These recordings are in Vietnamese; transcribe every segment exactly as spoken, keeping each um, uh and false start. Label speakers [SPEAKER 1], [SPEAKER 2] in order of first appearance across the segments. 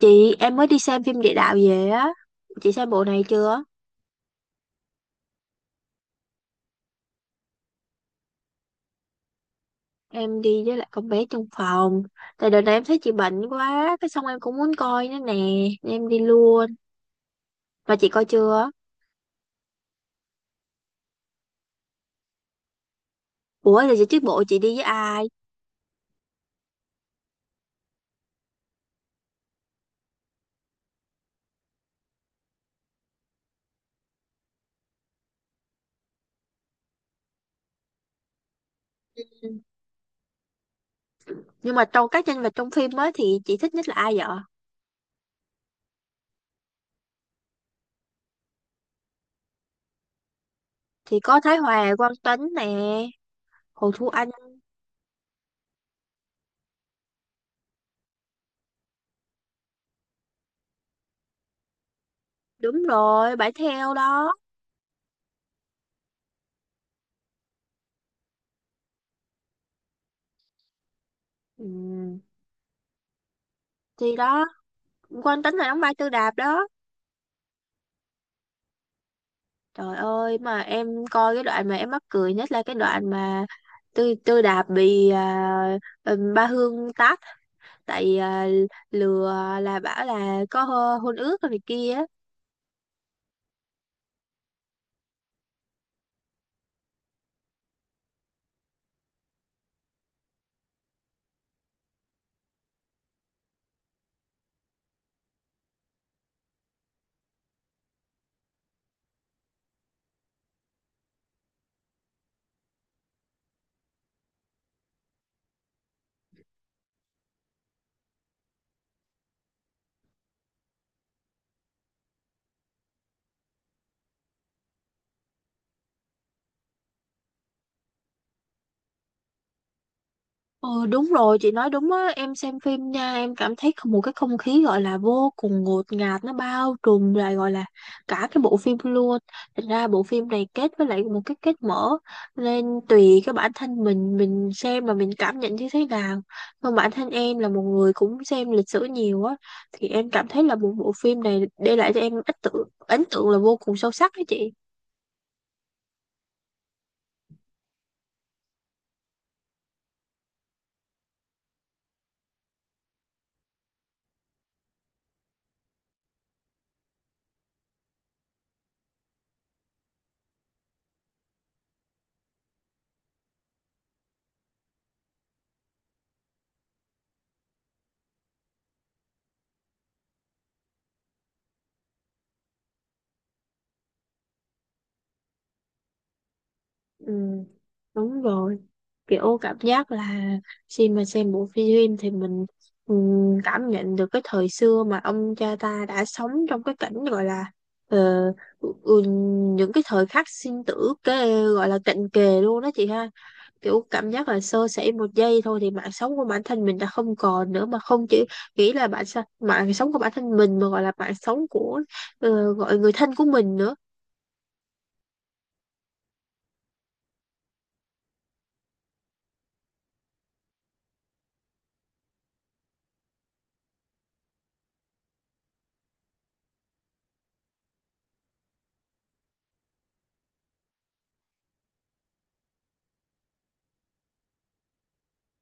[SPEAKER 1] Chị em mới đi xem phim địa đạo về á. Chị xem bộ này chưa? Em đi với lại con bé trong phòng. Tại đợt này em thấy chị bệnh quá, cái xong em cũng muốn coi nữa nè, nên em đi luôn. Mà chị coi chưa? Ủa là chị trước bộ chị đi với ai? Ừ. Nhưng mà trong các nhân vật trong phim á thì chị thích nhất là ai vậy? Thì có Thái Hòa, Quang Tấn nè, Hồ Thu Anh, đúng rồi, Bãi Theo đó. Ừ. Thì đó, Quang Tấn là đóng vai Tư Đạp đó. Trời ơi mà em coi cái đoạn mà em mắc cười nhất là cái đoạn mà Tư Tư Đạp bị à, ừm, Ba Hương tát tại à, lừa là bảo là có hô- hôn ước rồi này kia. Ừ, đúng rồi chị nói đúng á, em xem phim nha, em cảm thấy không- một cái không khí gọi là vô cùng ngột ngạt, nó bao trùm lại gọi là cả cái bộ phim luôn. Thành ra bộ phim này kết với lại một cái kết mở nên tùy cái bản thân mình mình xem mà mình cảm nhận như thế nào. Còn bản thân em là một người cũng xem lịch sử nhiều á thì em cảm thấy là một bộ phim này để lại cho em ấn tượng ấn tượng là vô cùng sâu sắc đó chị. Ừ, đúng rồi, kiểu cảm giác là khi mà xem bộ phim thì mình ừ, cảm nhận được cái thời xưa mà ông cha ta đã sống trong cái cảnh gọi là ờ, ừ, ừ, những cái thời khắc sinh tử, cái gọi là cận kề luôn đó chị ha. Kiểu cảm giác là sơ sẩy một giây thôi thì mạng sống của bản thân mình đã không còn nữa, mà không chỉ nghĩ là bạn sa- mạng sống của bản thân mình mà gọi là mạng sống của ờ, gọi người thân của mình nữa.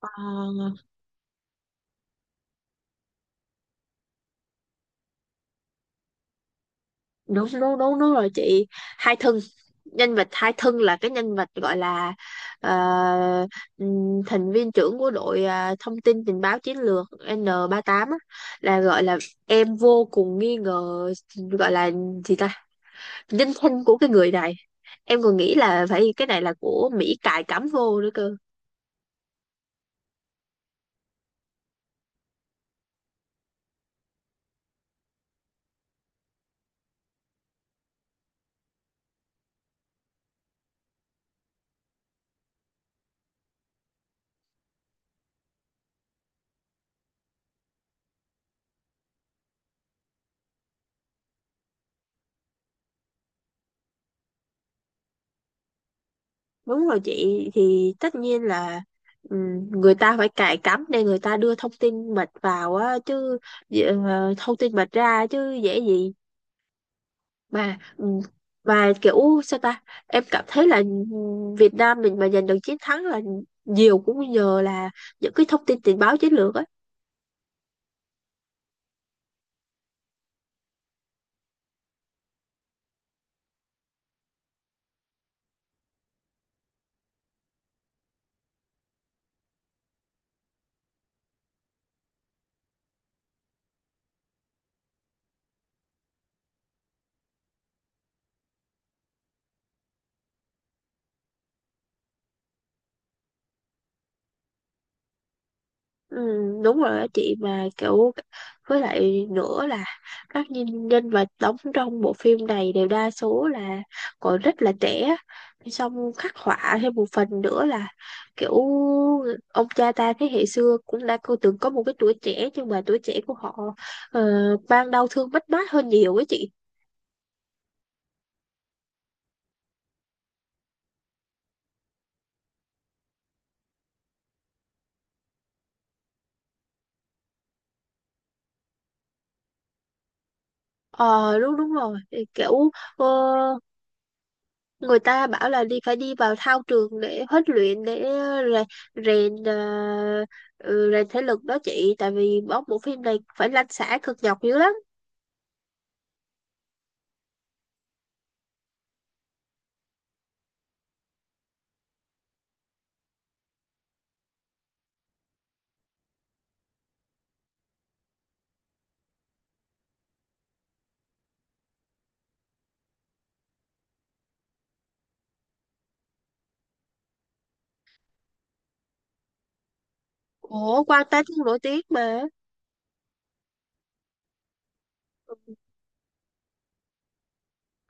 [SPEAKER 1] Ờ, đúng đúng đúng đúng rồi chị. Hai thân Nhân vật hai thân là cái nhân vật gọi là ờ, ừm, thành viên trưởng của đội à, thông tin tình báo chiến lược en ba mươi tám á, là gọi là em vô cùng nghi ngờ gọi là gì ta nhân thân của cái người này, em còn nghĩ là phải cái này là của Mỹ cài cắm vô nữa cơ. Đúng rồi chị, thì tất nhiên là ừm, người ta phải cài cắm để người ta đưa thông tin mật vào á chứ, ờ, thông tin mật ra chứ dễ gì mà ừm, mà kiểu sao ta, em cảm thấy là ừm, Việt Nam mình mà giành được chiến thắng là nhiều cũng nhờ là những cái thông tin tình báo chiến lược á. Ừ, đúng rồi á chị, mà kiểu với lại nữa là các nhân nhân vật đóng trong bộ phim này đều đa số là còn rất là trẻ, xong khắc họa thêm một phần nữa là kiểu ông cha ta thế hệ xưa cũng đã cô từng có một cái tuổi trẻ, nhưng mà tuổi trẻ của họ ờ, mang đau thương mất mát hơn nhiều ấy chị. Ờ đúng đúng rồi. Thì kiểu ờ, người ta bảo là đi phải đi vào thao trường để huấn luyện, để rè- rèn ờ, ừ, rèn thể lực đó chị, tại vì bóng bộ phim này phải lăn xả cực nhọc dữ lắm. Ủa Quang Tánh cũng nổi tiếng mà.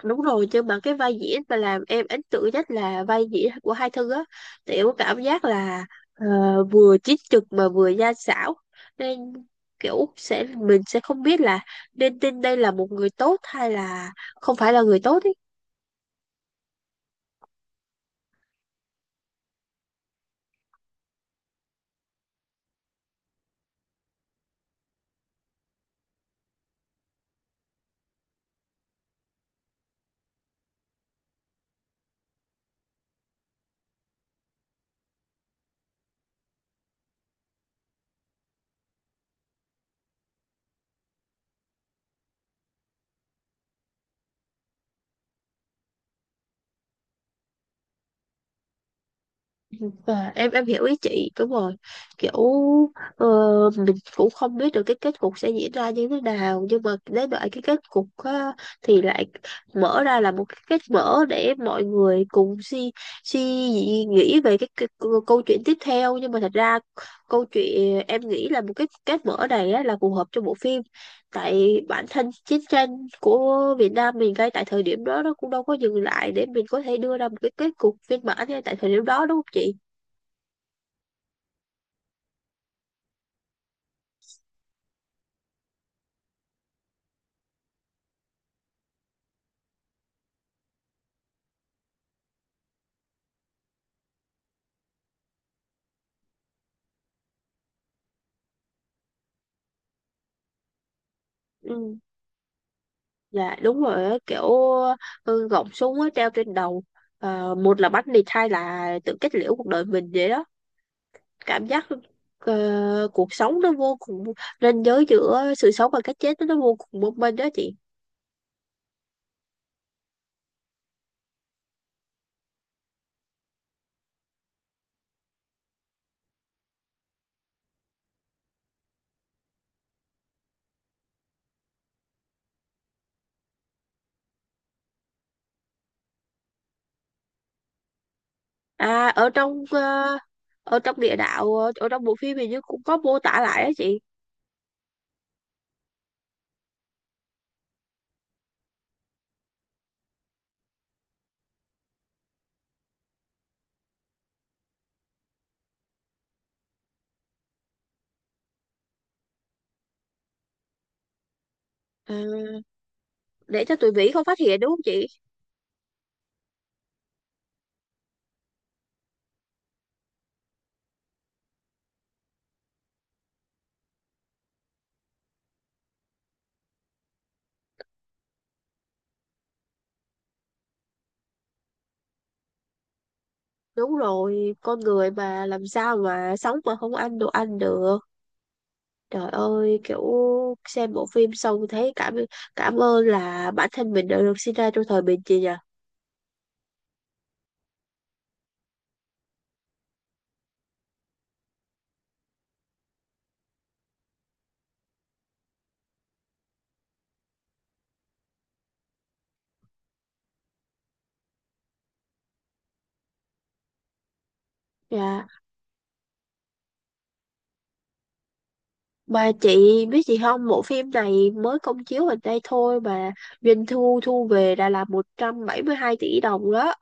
[SPEAKER 1] Đúng rồi, nhưng mà cái vai diễn mà làm em ấn tượng nhất là vai diễn của Hai Thư á, thì em có cảm giác là ờ, vừa chính trực mà vừa gian xảo, nên kiểu sẽ mình sẽ không biết là nên tin đây là một người tốt hay là không phải là người tốt ý. Và em em hiểu ý chị, đúng rồi, kiểu ờ, mình cũng không biết được cái kết cục sẽ diễn ra như thế nào, nhưng mà đến đợi cái kết cục á, thì lại mở ra là một cái kết mở để mọi người cùng suy suy nghĩ nghĩ về cái, cái, câu câu chuyện tiếp theo. Nhưng mà thật ra câu chuyện em nghĩ là một cái kết mở này á, là phù hợp cho bộ phim, tại bản thân chiến tranh của Việt Nam mình ngay tại thời điểm đó nó cũng đâu có dừng lại để mình có thể đưa ra một cái kết cục viên mãn ngay tại thời điểm đó đúng không chị. Ừ, dạ đúng rồi á, kiểu ừ, gọng súng á, treo trên đầu. Ờ, một là bắn địch, hai là tự kết liễu cuộc đời mình vậy đó, cảm giác ờ, cuộc sống nó vô cùng, ranh giới giữa sự sống và cái chết nó vô cùng mong manh đó chị. À, ở trong ờ, ở trong địa đạo, ờ, ở trong bộ phim hình như cũng có mô tả lại đó chị. Ờ, để cho tụi Mỹ không phát hiện đúng không chị. Đúng rồi, con người mà làm sao mà sống mà không ăn đồ ăn được. Trời ơi, kiểu xem bộ phim xong thấy cảm cảm ơn là bản thân mình đã được sinh ra trong thời bình chị nhỉ. Dạ. Mà chị biết gì không, bộ phim này mới công chiếu gần đây thôi mà doanh thu thu về đã là một trăm bảy mươi hai tỷ đồng đó.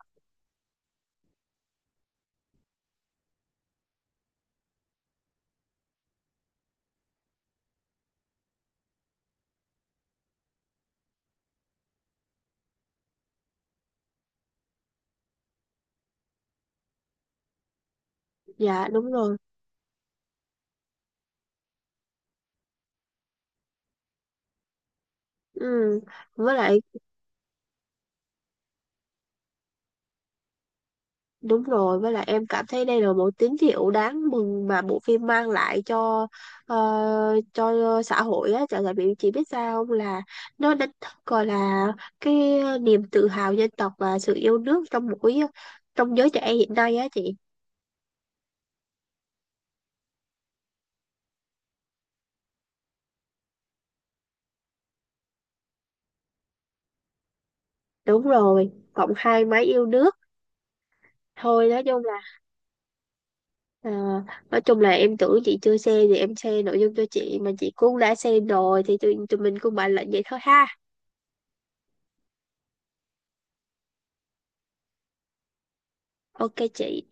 [SPEAKER 1] Dạ đúng rồi. Ừ. Với lại Đúng rồi, với lại em cảm thấy đây là một tín hiệu đáng mừng mà bộ phim mang lại cho ờ, cho xã hội á, chẳng hạn bị chỉ biết sao không là nó đánh thức gọi là cái niềm tự hào dân tộc và sự yêu nước trong mỗi trong giới trẻ hiện nay á chị. Đúng rồi, cộng hai máy yêu nước. Thôi nói chung là ờ, nói chung là em tưởng chị chưa xem thì em share nội dung cho chị mà chị cũng đã xem rồi thì tụi, tụi mình cũng bàn luận vậy thôi ha. Ok chị.